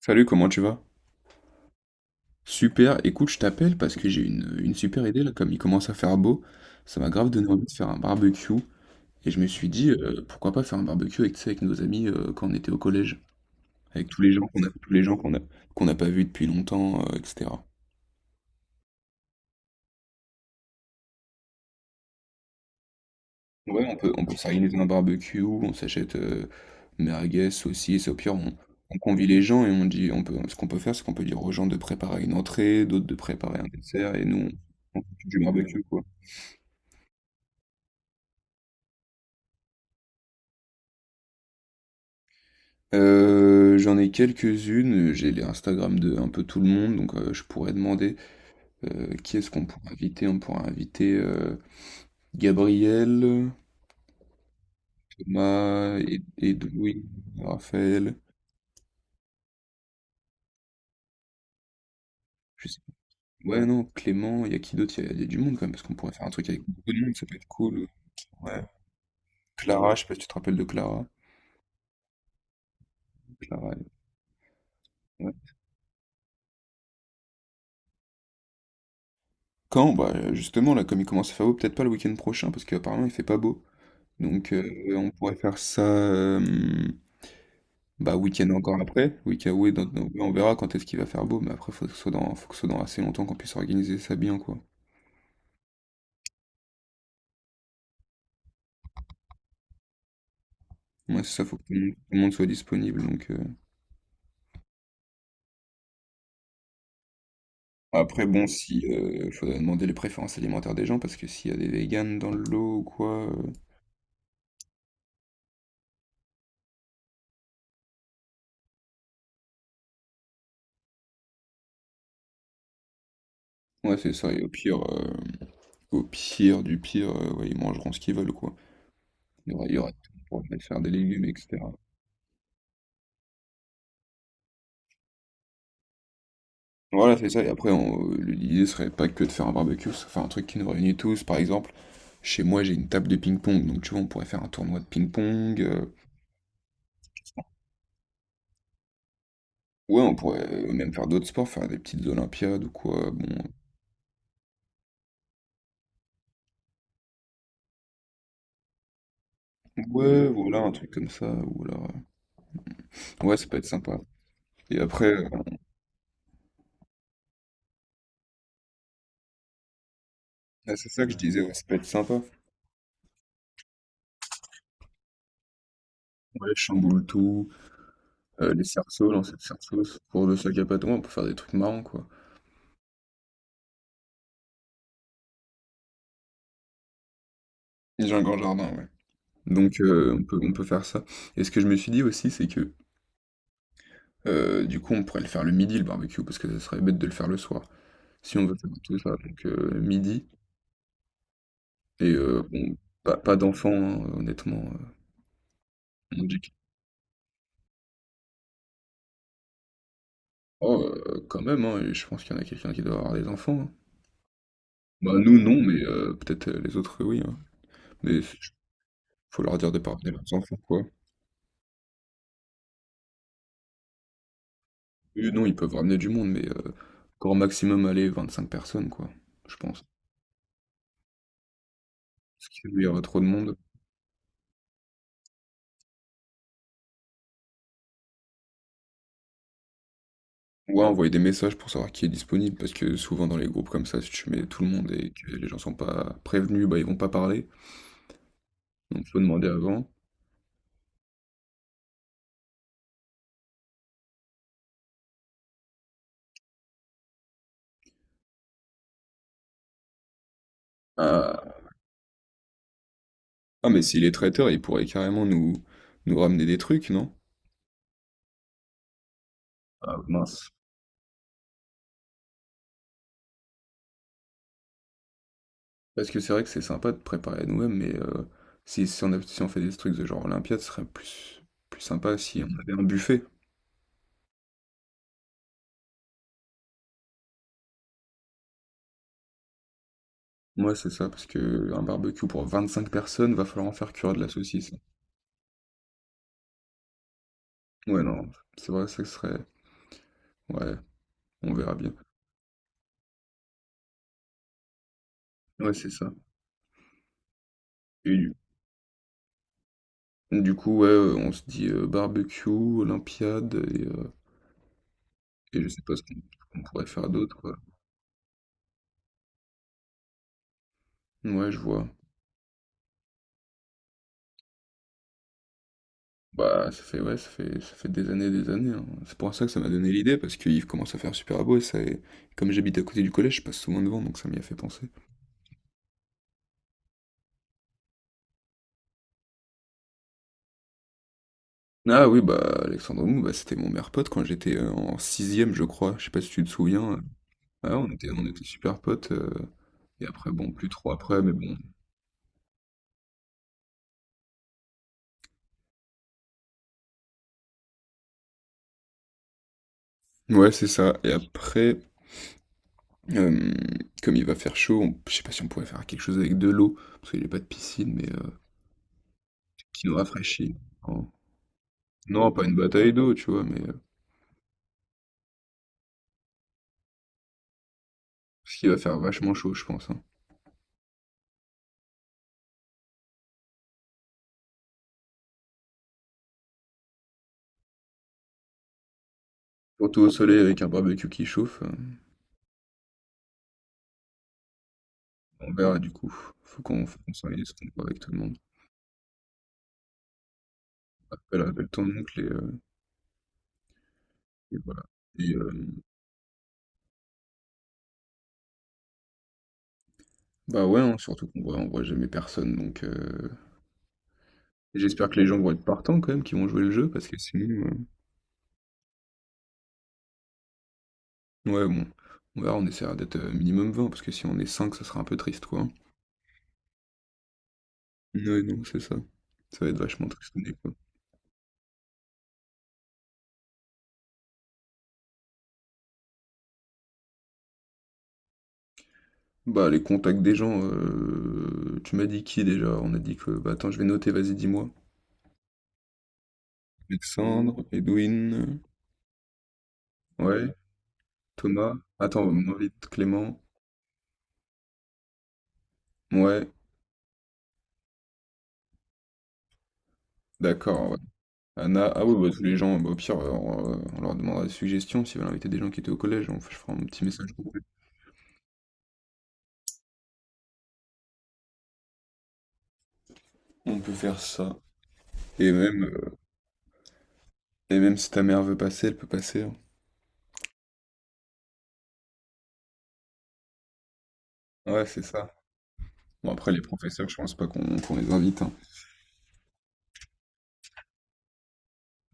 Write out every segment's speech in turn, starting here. Salut, comment tu vas? Super, écoute, je t'appelle parce que j'ai une super idée là, comme il commence à faire beau, ça m'a grave donné envie de faire un barbecue et je me suis dit pourquoi pas faire un barbecue avec, tu sais, avec nos amis quand on était au collège, avec tous les gens qu'on a, qu'on n'a pas vus depuis longtemps, etc. Ouais, on peut, s'organiser un barbecue, on s'achète merguez, saucisses, au pire on convie les gens et on dit, ce qu'on peut faire, c'est qu'on peut dire aux gens de préparer une entrée, d'autres de préparer un dessert et nous on fait du barbecue quoi. J'en ai quelques-unes, j'ai les Instagram de un peu tout le monde, donc je pourrais demander qui est-ce qu'on pourrait inviter? On pourrait inviter Gabriel, Thomas, Edoui, Raphaël, je sais pas. Ouais, non, Clément, il y a qui d'autre? Il y a du monde quand même, parce qu'on pourrait faire un truc avec beaucoup de monde, ça peut être cool. Ouais. Clara, je sais pas si tu te rappelles de Clara. Clara, ouais. Quand? Bah justement, là, comme il commence à faire beau, peut-être pas le week-end prochain, parce qu'apparemment il fait pas beau. Donc on pourrait faire ça. Bah, week-end encore après. Week-end, oui, oui, on verra quand est-ce qu'il va faire beau, mais après, faut que ce soit dans, faut que ce soit dans assez longtemps qu'on puisse organiser ça bien, quoi. Moi, c'est ça, faut que tout le monde soit disponible. Donc. Après, bon, si, faudrait demander les préférences alimentaires des gens, parce que s'il y a des véganes dans le lot ou quoi, ouais, c'est ça, et au pire du pire, ouais, ils mangeront ce qu'ils veulent, quoi. Il y aura tout pour faire des légumes, etc. Voilà, c'est ça. Et après, l'idée serait pas que de faire un barbecue, c'est faire un truc qui nous réunit tous, par exemple. Chez moi, j'ai une table de ping-pong, donc tu vois, on pourrait faire un tournoi de ping-pong. Ouais, on pourrait même faire d'autres sports, faire des petites Olympiades ou quoi. Bon, ouais, voilà, un truc comme ça. Ou alors, ouais, ça peut être sympa. Et après, ah, c'est ça que je disais, ouais, ça peut être sympa. Ouais, chamboule tout, les cerceaux, lancer de cerceaux, pour le sac à patins, ouais, on peut faire des trucs marrants, quoi. J'ai un grand jardin, ouais. Donc, on peut, faire ça. Et ce que je me suis dit aussi, c'est que du coup, on pourrait le faire le midi, le barbecue, parce que ça serait bête de le faire le soir. Si on veut faire tout ça, donc midi. Et bon, pas d'enfants, hein, honnêtement, on dit que oh, quand même, hein et je pense qu'il y en a quelqu'un qui doit avoir des enfants, hein. Bah, nous non, mais peut-être, les autres, oui, hein. Mais f faut leur dire de pas ramener leurs enfants, quoi. Oui, non, ils peuvent ramener du monde, mais grand maximum, allez, cinq personnes, quoi, je pense. Parce qu'il y aura trop de monde. Ouais, envoyer des messages pour savoir qui est disponible parce que souvent dans les groupes comme ça, si tu mets tout le monde et que les gens sont pas prévenus, bah, ils vont pas parler, donc faut demander avant. Ah Ah, mais s'il est traiteur, il pourrait carrément nous ramener des trucs, non? Ah, mince. Parce que c'est vrai que c'est sympa de préparer à nous-mêmes, mais si on fait des trucs de genre Olympiade, ce serait plus sympa si on avait un buffet. Moi, c'est ça, parce que un barbecue pour 25 personnes, va falloir en faire cuire de la saucisse. Ouais, non, c'est vrai, ça serait. Ouais, on verra bien. Ouais, c'est ça. Et du coup, ouais, on se dit barbecue, Olympiade, et je sais pas ce qu'on pourrait faire d'autre, quoi. Ouais, je vois. Bah, ça fait, ouais, ça fait des années, et des années. Hein. C'est pour ça que ça m'a donné l'idée, parce qu'il commence à faire super beau et ça, et comme j'habite à côté du collège, je passe souvent devant, donc ça m'y a fait penser. Ah oui, bah, Alexandre Mou, bah, c'était mon meilleur pote quand j'étais en sixième, je crois. Je sais pas si tu te souviens. Ah, on était super potes. Et après, bon, plus trop après, mais bon. Ouais, c'est ça. Et après, euh, comme il va faire chaud, je sais pas si on pourrait faire quelque chose avec de l'eau, parce qu'il n'y a pas de piscine, mais qui nous rafraîchit. Oh. Non, pas une bataille d'eau, tu vois, mais. Parce qu'il va faire vachement chaud, je pense. Hein. Surtout au soleil avec un barbecue qui chauffe. On verra du coup. Faut qu'on s'organise, qu'on voit avec tout le monde. Appelle ton oncle et voilà. Et bah ouais, hein, surtout qu'on voit jamais personne. Donc et j'espère que les gens vont être partants quand même, qui vont jouer le jeu, parce que sinon. Ouais, bon. On verra, on essaiera d'être minimum 20, parce que si on est 5, ça sera un peu triste, quoi. Hein. Ouais, non, c'est ça. Ça va être vachement tristouné, quoi. Bah, les contacts des gens, tu m'as dit qui déjà? On a dit que. Bah, attends, je vais noter, vas-y, dis-moi. Alexandre, Edwin, ouais, Thomas. Attends, on invite Clément. Ouais, d'accord, ouais. Anna, ah oui, bah, tous les gens, bah, au pire, on leur demandera des suggestions s'ils veulent inviter des gens qui étaient au collège, je ferai un petit message groupe. On peut faire ça. Et même, euh, et même si ta mère veut passer, elle peut passer. Hein. Ouais, c'est ça. Bon, après, les professeurs, je pense pas qu'on les invite. Hein.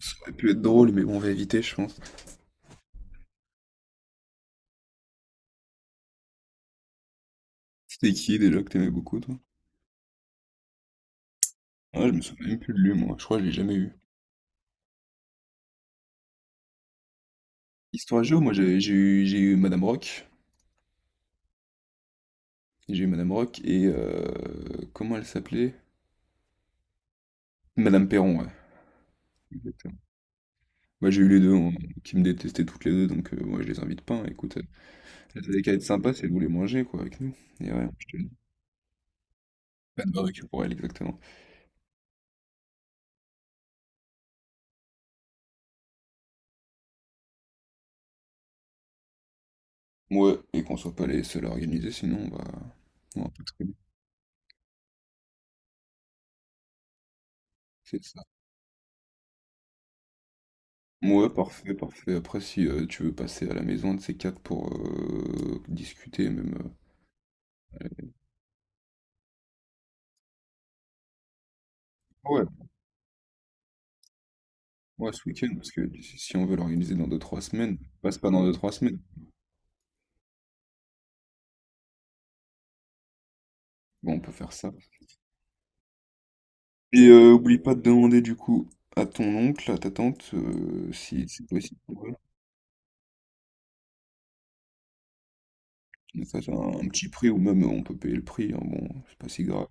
Ça aurait pu être drôle, mais bon, on va éviter, je pense. C'était qui déjà que t'aimais beaucoup, toi? Ouais, je me souviens même plus de lui, moi. Je crois que je l'ai jamais eu. Histoire géo, moi, j'ai eu Madame Rock. J'ai eu Madame Rock et comment elle s'appelait? Madame Perron, ouais. Exactement. Moi j'ai eu les deux hein, qui me détestaient toutes les deux, donc moi je les invite pas. Hein, écoute, elles avaient qu'à être sympas si elles voulaient manger quoi avec nous. Et ouais, je te le dis. Pas de barbecue pour elles, exactement. Ouais, et qu'on soit pas les seuls à organiser, sinon on va pas traîner. C'est ça. Ouais, parfait, parfait. Après, si tu veux passer à la maison de ces quatre pour discuter, même. Allez. Ouais, ouais, ce week-end, parce que si on veut l'organiser dans deux trois semaines, passe pas dans deux trois semaines. Bon, on peut faire ça. Et oublie pas de demander du coup à ton oncle, à ta tante, si c'est possible pour eux. Qu'ils nous fassent un petit prix ou même on peut payer le prix, hein, bon, c'est pas si grave.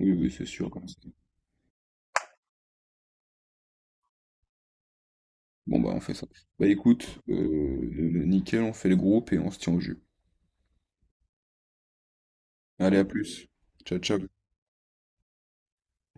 Oui, oui, c'est sûr, comme ça. Bon bah on fait ça. Bah écoute, nickel, on fait le groupe et on se tient au jus. Allez, à plus. Ciao, ciao.